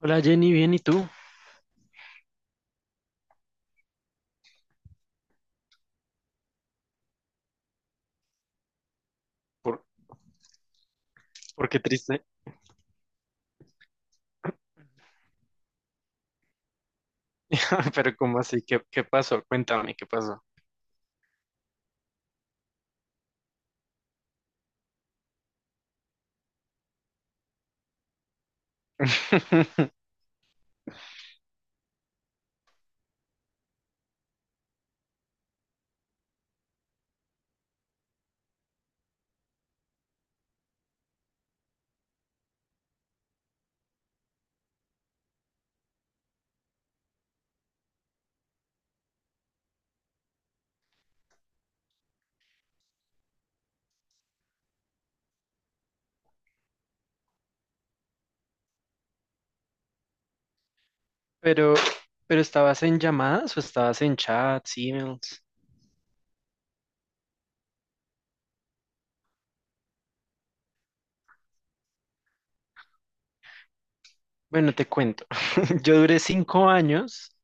Hola Jenny, bien, ¿y tú? ¿Por, por qué triste? Pero ¿cómo así? ¿Qué pasó? Cuéntame, ¿qué pasó? Pero, pero ¿estabas en llamadas o estabas en chats, emails? Bueno, te cuento. Yo duré 5 años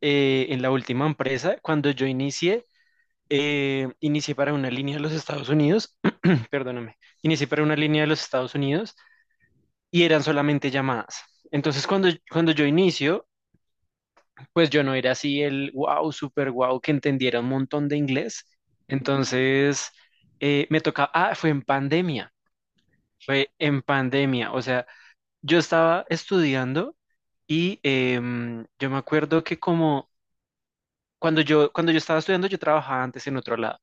en la última empresa. Cuando yo inicié para una línea de los Estados Unidos, perdóname, inicié para una línea de los Estados Unidos y eran solamente llamadas. Entonces, cuando yo inicio, pues yo no era así el wow, super wow, que entendiera un montón de inglés. Entonces, me tocaba, fue en pandemia, o sea, yo estaba estudiando y yo me acuerdo que como cuando yo estaba estudiando, yo trabajaba antes en otro lado.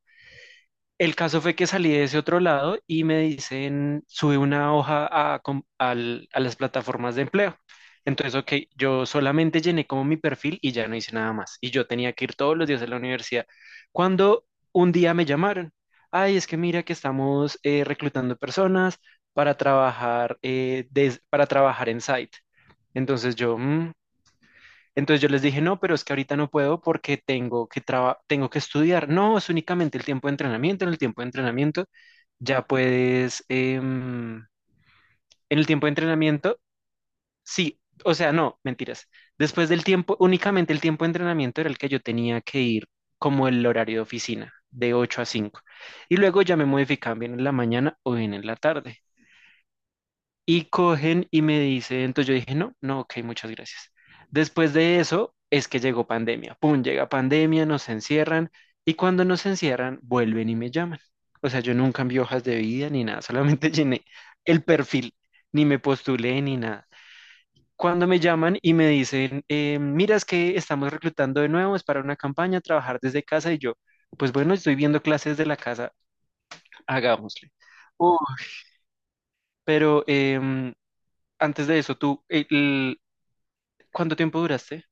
El caso fue que salí de ese otro lado y me dicen, sube una hoja a las plataformas de empleo. Entonces, ok, yo solamente llené como mi perfil y ya no hice nada más. Y yo tenía que ir todos los días a la universidad. Cuando un día me llamaron, ay, es que mira que estamos reclutando personas para trabajar, para trabajar en site. Entonces yo, "Mm, entonces yo les dije, no, pero es que ahorita no puedo porque tengo que estudiar. No, es únicamente el tiempo de entrenamiento. En el tiempo de entrenamiento ya puedes, en el tiempo de entrenamiento, sí, o sea, no, mentiras. Después del tiempo, únicamente el tiempo de entrenamiento era el que yo tenía que ir como el horario de oficina, de 8 a 5. Y luego ya me modificaban bien en la mañana o bien en la tarde. Y cogen y me dicen, entonces yo dije, no, no, ok, muchas gracias. Después de eso es que llegó pandemia. Pum, llega pandemia, nos encierran y cuando nos encierran vuelven y me llaman. O sea, yo nunca envié hojas de vida ni nada, solamente llené el perfil, ni me postulé ni nada. Cuando me llaman y me dicen, mira, es que estamos reclutando de nuevo, es para una campaña, trabajar desde casa y yo, pues bueno, estoy viendo clases de la casa, hagámosle. Uf, pero antes de eso, ¿Cuánto tiempo duraste?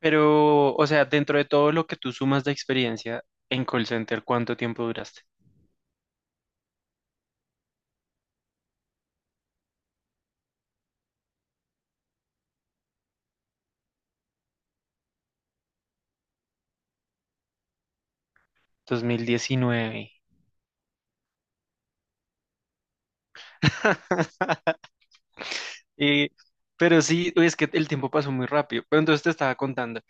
Pero, o sea, dentro de todo lo que tú sumas de experiencia en call center, ¿cuánto tiempo duraste? 2019. Eh, pero sí, uy, es que el tiempo pasó muy rápido. Pero entonces te estaba contando.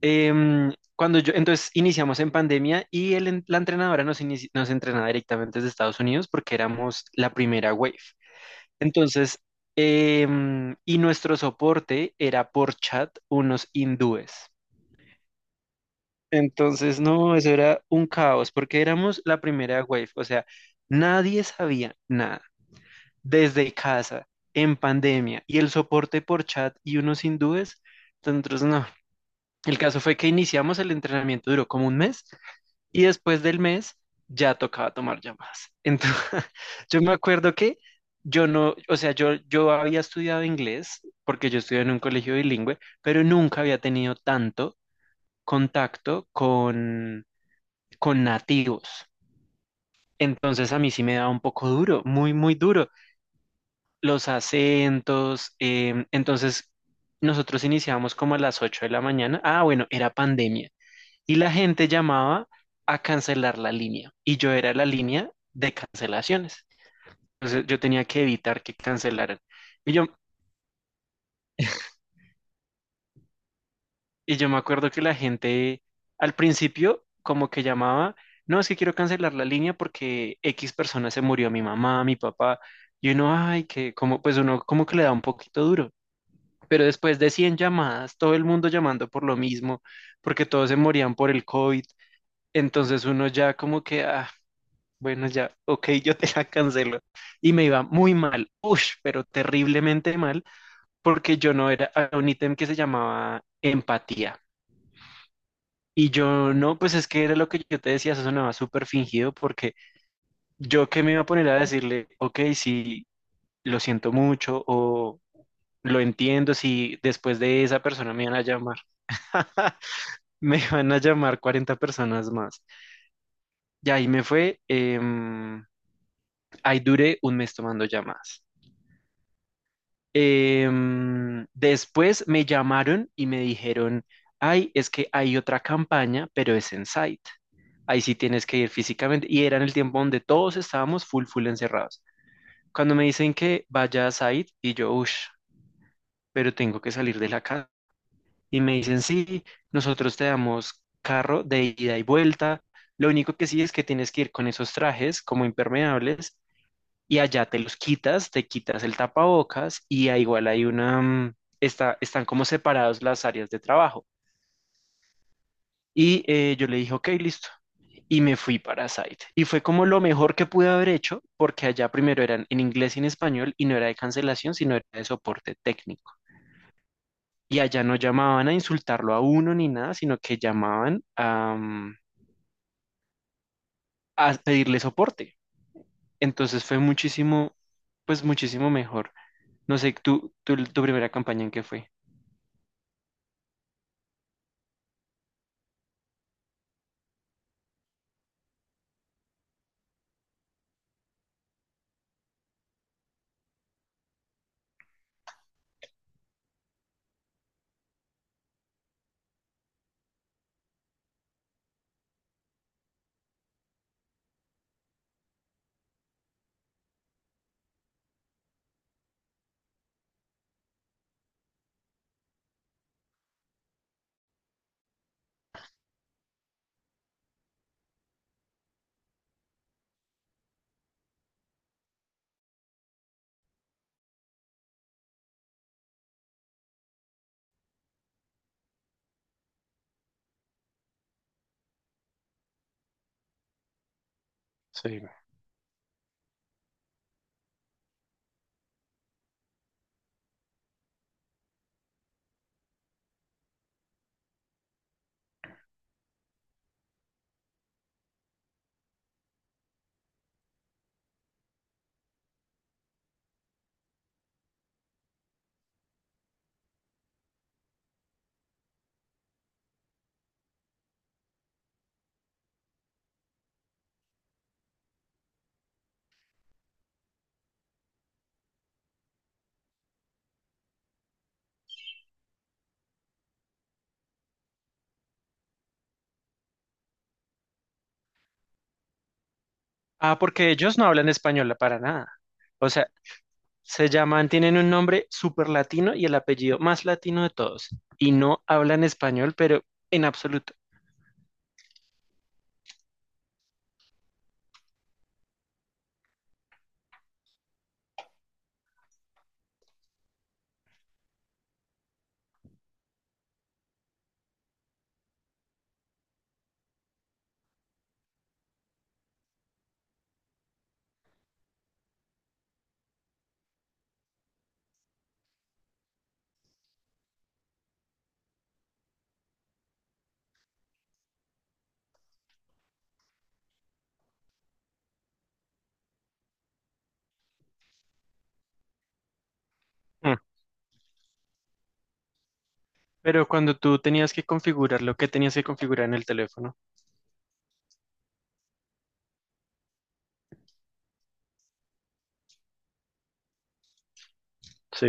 Cuando yo, entonces iniciamos en pandemia y la entrenadora nos entrenaba directamente desde Estados Unidos porque éramos la primera wave. Entonces, y nuestro soporte era por chat unos hindúes. Entonces, no, eso era un caos, porque éramos la primera wave, o sea, nadie sabía nada, desde casa, en pandemia, y el soporte por chat y unos hindúes, entonces no. El caso fue que iniciamos el entrenamiento, duró como un mes, y después del mes ya tocaba tomar llamadas. Entonces, yo me acuerdo que yo no, o sea, yo había estudiado inglés, porque yo estudié en un colegio bilingüe, pero nunca había tenido tanto contacto con nativos. Entonces a mí sí me da un poco duro, muy, muy duro. Los acentos, entonces nosotros iniciábamos como a las 8 de la mañana. Ah, bueno, era pandemia. Y la gente llamaba a cancelar la línea. Y yo era la línea de cancelaciones. Entonces yo tenía que evitar que cancelaran. Y yo, Y yo me acuerdo que la gente al principio como que llamaba, no, es que quiero cancelar la línea porque X persona se murió, mi mamá, mi papá, y uno, ay, que como, pues uno como que le da un poquito duro. Pero después de 100 llamadas, todo el mundo llamando por lo mismo, porque todos se morían por el COVID, entonces uno ya como que, ah, bueno, ya, ok, yo te la cancelo. Y me iba muy mal, uff, pero terriblemente mal, porque yo no era, había un ítem que se llamaba empatía. Y yo, no, pues es que era lo que yo te decía, eso sonaba súper fingido porque yo qué me iba a poner a decirle, ok, sí, lo siento mucho o lo entiendo si después de esa persona me van a llamar. Me van a llamar 40 personas más. Y ahí me fue, ahí duré un mes tomando llamadas. Después me llamaron y me dijeron, ay, es que hay otra campaña, pero es en site. Ahí sí tienes que ir físicamente. Y era en el tiempo donde todos estábamos full, full encerrados. Cuando me dicen que vaya a site, y yo, uff, pero tengo que salir de la casa. Y me dicen, sí, nosotros te damos carro de ida y vuelta. Lo único que sí es que tienes que ir con esos trajes como impermeables y allá te los quitas, te quitas el tapabocas y ah, igual hay una, están como separados las áreas de trabajo. Y yo le dije, ok, listo. Y me fui para Site. Y fue como lo mejor que pude haber hecho, porque allá primero eran en inglés y en español y no era de cancelación, sino era de soporte técnico. Y allá no llamaban a insultarlo a uno ni nada, sino que llamaban a pedirle soporte. Entonces fue muchísimo, pues muchísimo mejor. No sé, tu primera campaña en qué fue. Sí. Ah, porque ellos no hablan español para nada. O sea, se llaman, tienen un nombre súper latino y el apellido más latino de todos. Y no hablan español, pero en absoluto. Mm. Pero cuando tú tenías que configurar lo que tenías que configurar en el teléfono, sí,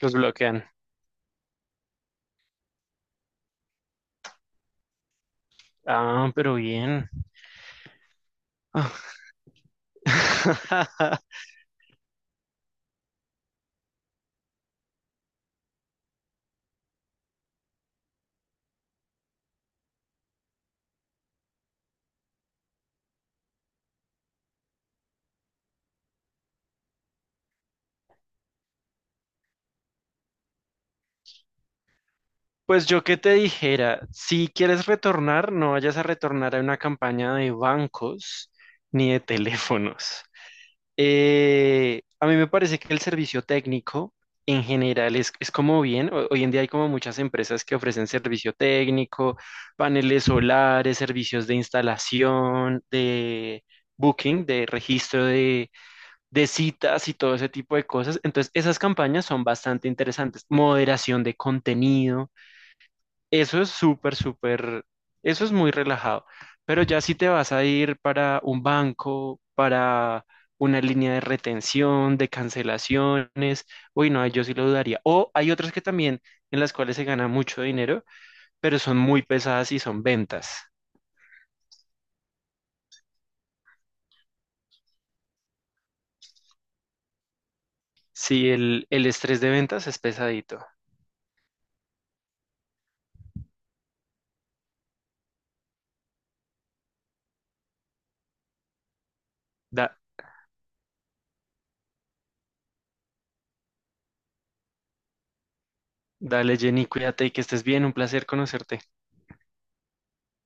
los bloquean. Ah, pero bien. Ah. Pues yo que te dijera, si quieres retornar, no vayas a retornar a una campaña de bancos ni de teléfonos. A mí me parece que el servicio técnico en general es como bien, hoy en día hay como muchas empresas que ofrecen servicio técnico, paneles solares, servicios de instalación, de booking, de registro de citas y todo ese tipo de cosas. Entonces, esas campañas son bastante interesantes. Moderación de contenido. Eso es súper, súper, eso es muy relajado. Pero ya si te vas a ir para un banco, para una línea de retención, de cancelaciones, uy, no, yo sí lo dudaría. O hay otras que también en las cuales se gana mucho dinero, pero son muy pesadas y son ventas. Sí, el estrés de ventas es pesadito. Da, dale, Jenny, cuídate y que estés bien. Un placer conocerte.